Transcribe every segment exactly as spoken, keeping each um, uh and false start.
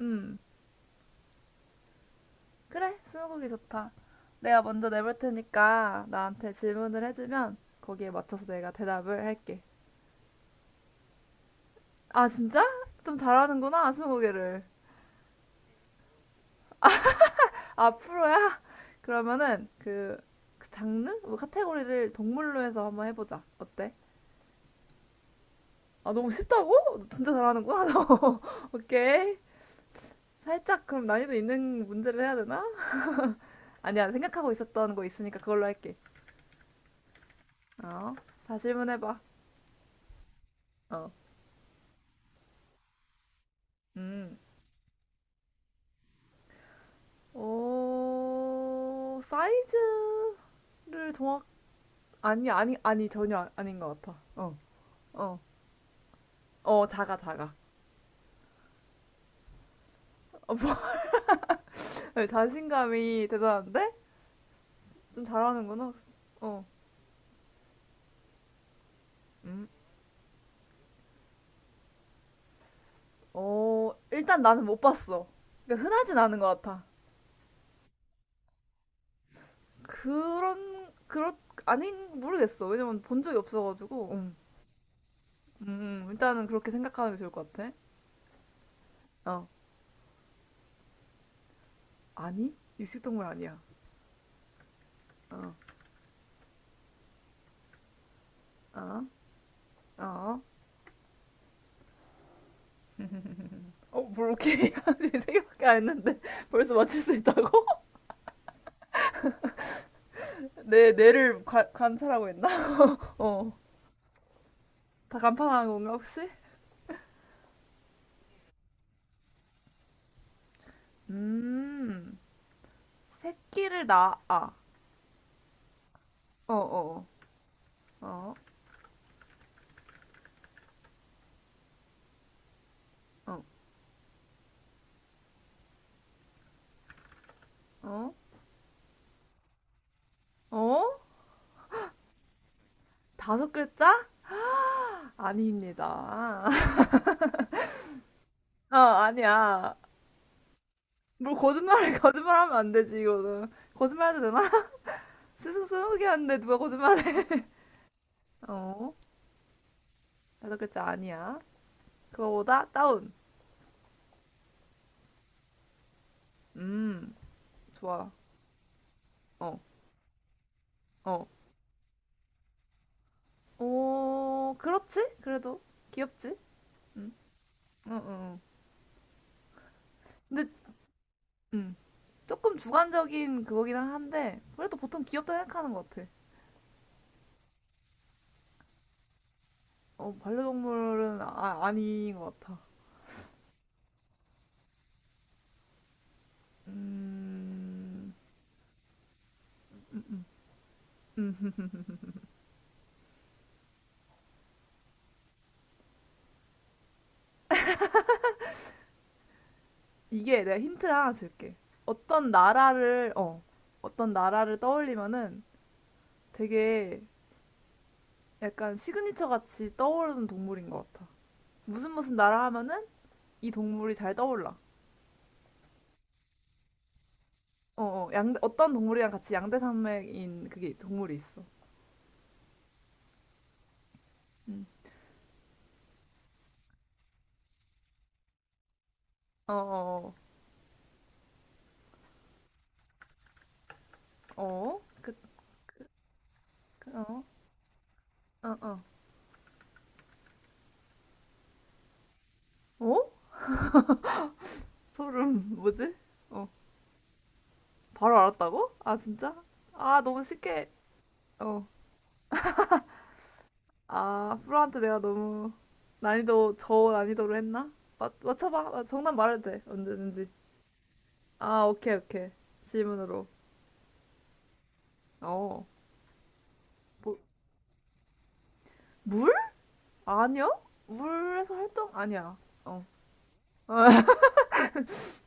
음, 그래, 스무고기 좋다. 내가 먼저 내볼 테니까 나한테 질문을 해주면 거기에 맞춰서 내가 대답을 할게. 아, 진짜? 좀 잘하는구나, 스무고개를. 아, 프로야? 그러면은 그, 그 장르? 뭐 카테고리를 동물로 해서 한번 해보자. 어때? 아, 너무 쉽다고? 너 진짜 잘하는구나, 너. 오케이. 살짝 그럼 난이도 있는 문제를 해야 되나? 아니야, 생각하고 있었던 거 있으니까 그걸로 할게. 어, 자, 질문해봐. 어, 음. 어, 사이즈를 정확, 아니, 아니, 아니, 전혀 아- 닌 것 같아. 어, 어, 어, 작아, 작아. 어, 자신감이 대단한데? 좀 잘하는구나. 어, 음, 어, 일단 나는 못 봤어. 그러니까 흔하진 않은 것 같아. 그런, 그렇, 아닌, 모르겠어. 왜냐면 본 적이 없어가지고. 음, 음, 일단은 그렇게 생각하는 게 좋을 것 같아. 어, 아니? 육식동물 아니야. 어, 어, 어. 어, 뭘 오케이 하는 생각밖에 안 했는데 벌써 맞출 수 있다고? 내 뇌를 관- 관찰하고 있나? 어. 다 간판하는 건가 혹시? 음. 새끼를 낳아. 어, 어. 어. 어. 어. 어? 어? 다섯 글자? 아닙니다. 어, 아니야. 뭘 거짓말해. 거짓말하면 안 되지 이거는. 거짓말해도 되나? 스승 스무개 하는데 누가 거짓말해? 어. 다섯 글자 아니야. 그거보다 다운. 음. 좋아. 어. 어. 어, 그렇지? 그래도 귀엽지? 응. 어, 어. 어. 근데 음, 조금 주관적인 그거긴 한데 그래도 보통 귀엽다 생각하는 것 같아. 어, 반려동물은 아, 아닌 것 같아. 음, 이게 내가 힌트를 하나 줄게. 어떤 나라를 어, 어떤 나라를 떠올리면은 되게 약간 시그니처 같이 떠오르는 동물인 것 같아. 무슨 무슨 나라 하면은 이 동물이 잘 떠올라. 어, 어, 양, 어떤 동물이랑 같이 양대 산맥인 그게 동물이 있어. 음. 어, 어, 어, 어, 그, 그, 어, 어, 어, 어? 소름, 뭐지? 어, 바로 알았다고? 아, 진짜? 아, 너무 쉽게, 어, 아, 프로한테 내가 너무 난이도, 저 난이도로 했나? 맞, 맞춰봐. 아, 정답 말해도 돼, 언제든지. 아, 오케이, 오케이. 질문으로. 어, 뭐, 물? 아니야? 물에서 활동? 아니야. 어.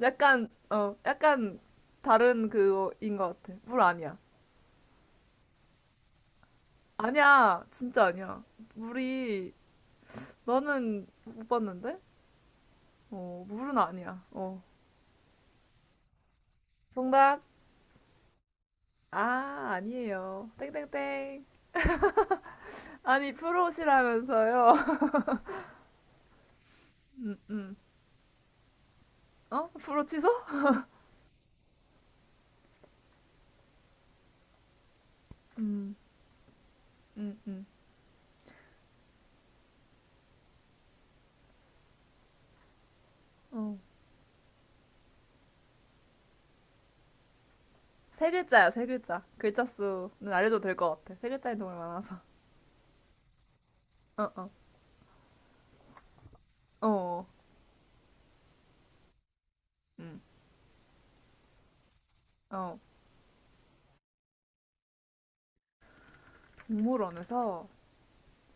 약간 어 약간 다른 그인 것 같아. 물 아니야. 아니야, 진짜 아니야. 물이 나는 못 봤는데. 어 물은 아니야. 어 정답, 아, 아니에요. 땡땡땡. 아니, 프로시라면서요. 음 음. 어 프로 취소? 음 음 음. 어. 세 글자야, 세 글자. 글자 수는 알려도 될 것 같아. 세 글자인 동물 많아서. 어, 어. 어. 음. 어. 동물원에서.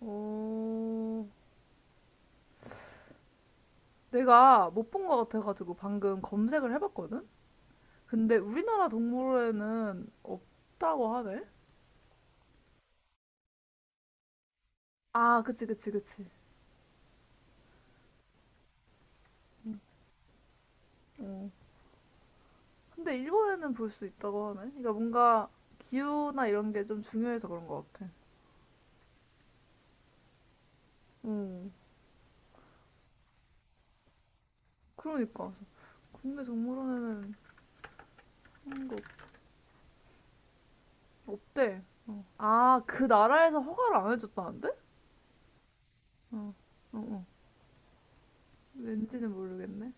어. 내가 못 본 것 같아가지고 방금 검색을 해봤거든? 근데 우리나라 동물원에는 없다고 하네? 아, 그치, 그치, 그치. 어. 근데 일본에는 볼 수 있다고 하네? 그러니까 뭔가 기후나 이런 게 좀 중요해서 그런 것 같아. 어. 그러니까. 국내 동물원에는 그런 거 없대. 아, 그 나라에서 허가를 안 해줬다는데? 어, 어, 어. 왠지는 모르겠네.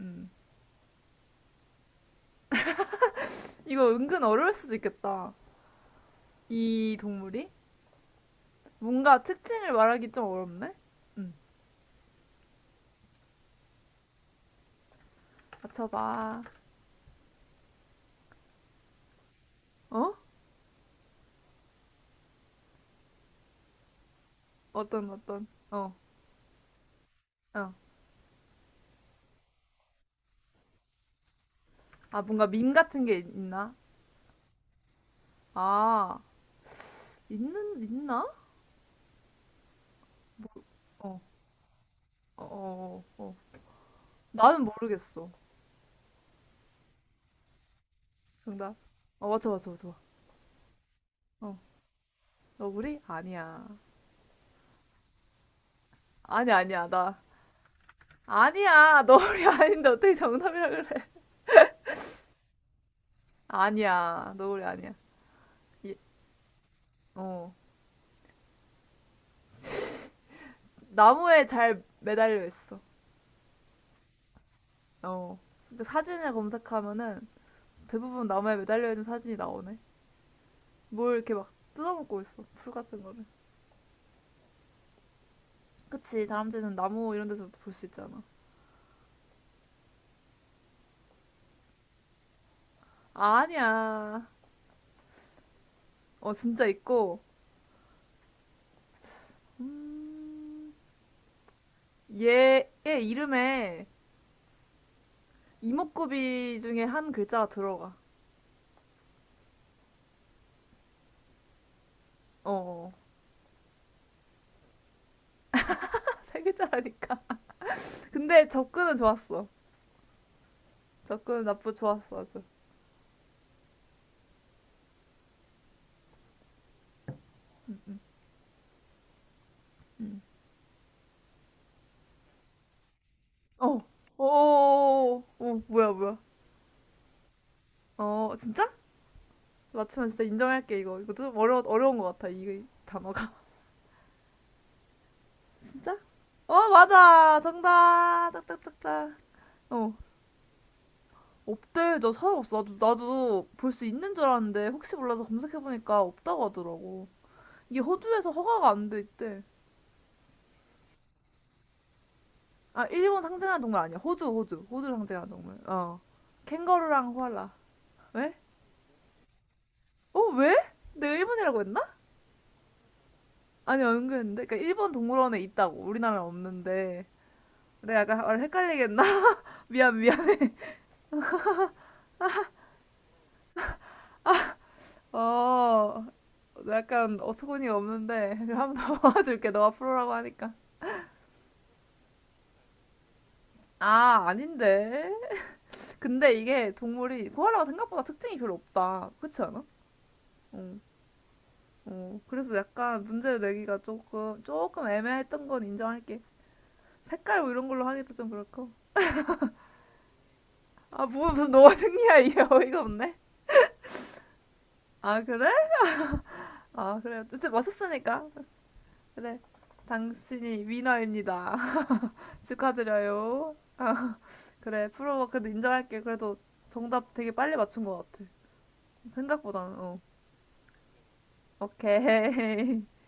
음. 이거 은근 어려울 수도 있겠다. 이 동물이? 뭔가 특징을 말하기 좀 어렵네? 응. 맞춰봐. 어? 어떤, 어떤. 어, 어. 아, 뭔가 밈 같은 게 있나? 아, 있는, 있나? 어, 어, 어, 어. 어. 나는 모르겠어. 정답. 어, 맞춰, 맞춰, 맞춰. 어. 너구리? 아니야. 아니야, 아니야, 나. 아니야, 너구리 아닌데 어떻게 정답이라 그래? 아니야, 너구리 아니야. 이- 어. 나무에 잘 매달려 있어. 어. 그 사진을 검색하면은 대부분 나무에 매달려 있는 사진이 나오네. 뭘 이렇게 막 뜯어먹고 있어. 풀 같은 거를. 그치. 다람쥐는 나무 이런 데서 볼 수 있잖아. 아니야. 어, 진짜 있고. 얘의 이름에 이목구비 중에 한 글자가 들어가. 어. 세 글자라니까. 근데 접근은 좋았어. 접근은 나쁘 좋았어 아주. 어. 오. 어 어, 어. 어, 뭐야, 뭐야. 어 진짜? 맞추면 진짜 인정할게 이거. 이거 좀 어려 어려운 것 같아, 이 단어가. 진짜? 어 맞아. 정답, 딱딱딱딱. 어 없대. 나 찾아봤어. 나도, 나도 볼 수 있는 줄 알았는데 혹시 몰라서 검색해보니까 없다고 하더라고. 이게 호주에서 허가가 안 돼 있대. 아, 일본 상징하는 동물 아니야. 호주, 호주, 호주 상징하는 동물. 어 캥거루랑 호알라. 왜? 어 왜? 내가 일본이라고 했나? 아니, 은근했는데 그러니까 일본 동물원에 있다고 우리나라는 없는데, 내가 약간 말을 헷갈리겠나? 미안 미안해. 어, 약간 어처구니가 없는데 한번 더 도와줄게. 너가 프로라고 하니까. 아, 아닌데. 근데 이게 동물이 코알라가 생각보다 특징이 별로 없다. 그렇지 않아? 응. 어, 그래서 약간 문제를 내기가 조금 조금 애매했던 건 인정할게. 색깔 뭐 이런 걸로 하기도 좀 그렇고. 아, 뭐 무슨 너가 승리야 이게. 어이가 없네. 아, 그래? 아, 그래. 어쨌든 맞췄으니까. 그래. 당신이 위너입니다. 축하드려요. 아, 그래, 프로버 그래도 인정할게. 그래도 정답 되게 빨리 맞춘 것 같아. 생각보다는, 어. 오케이.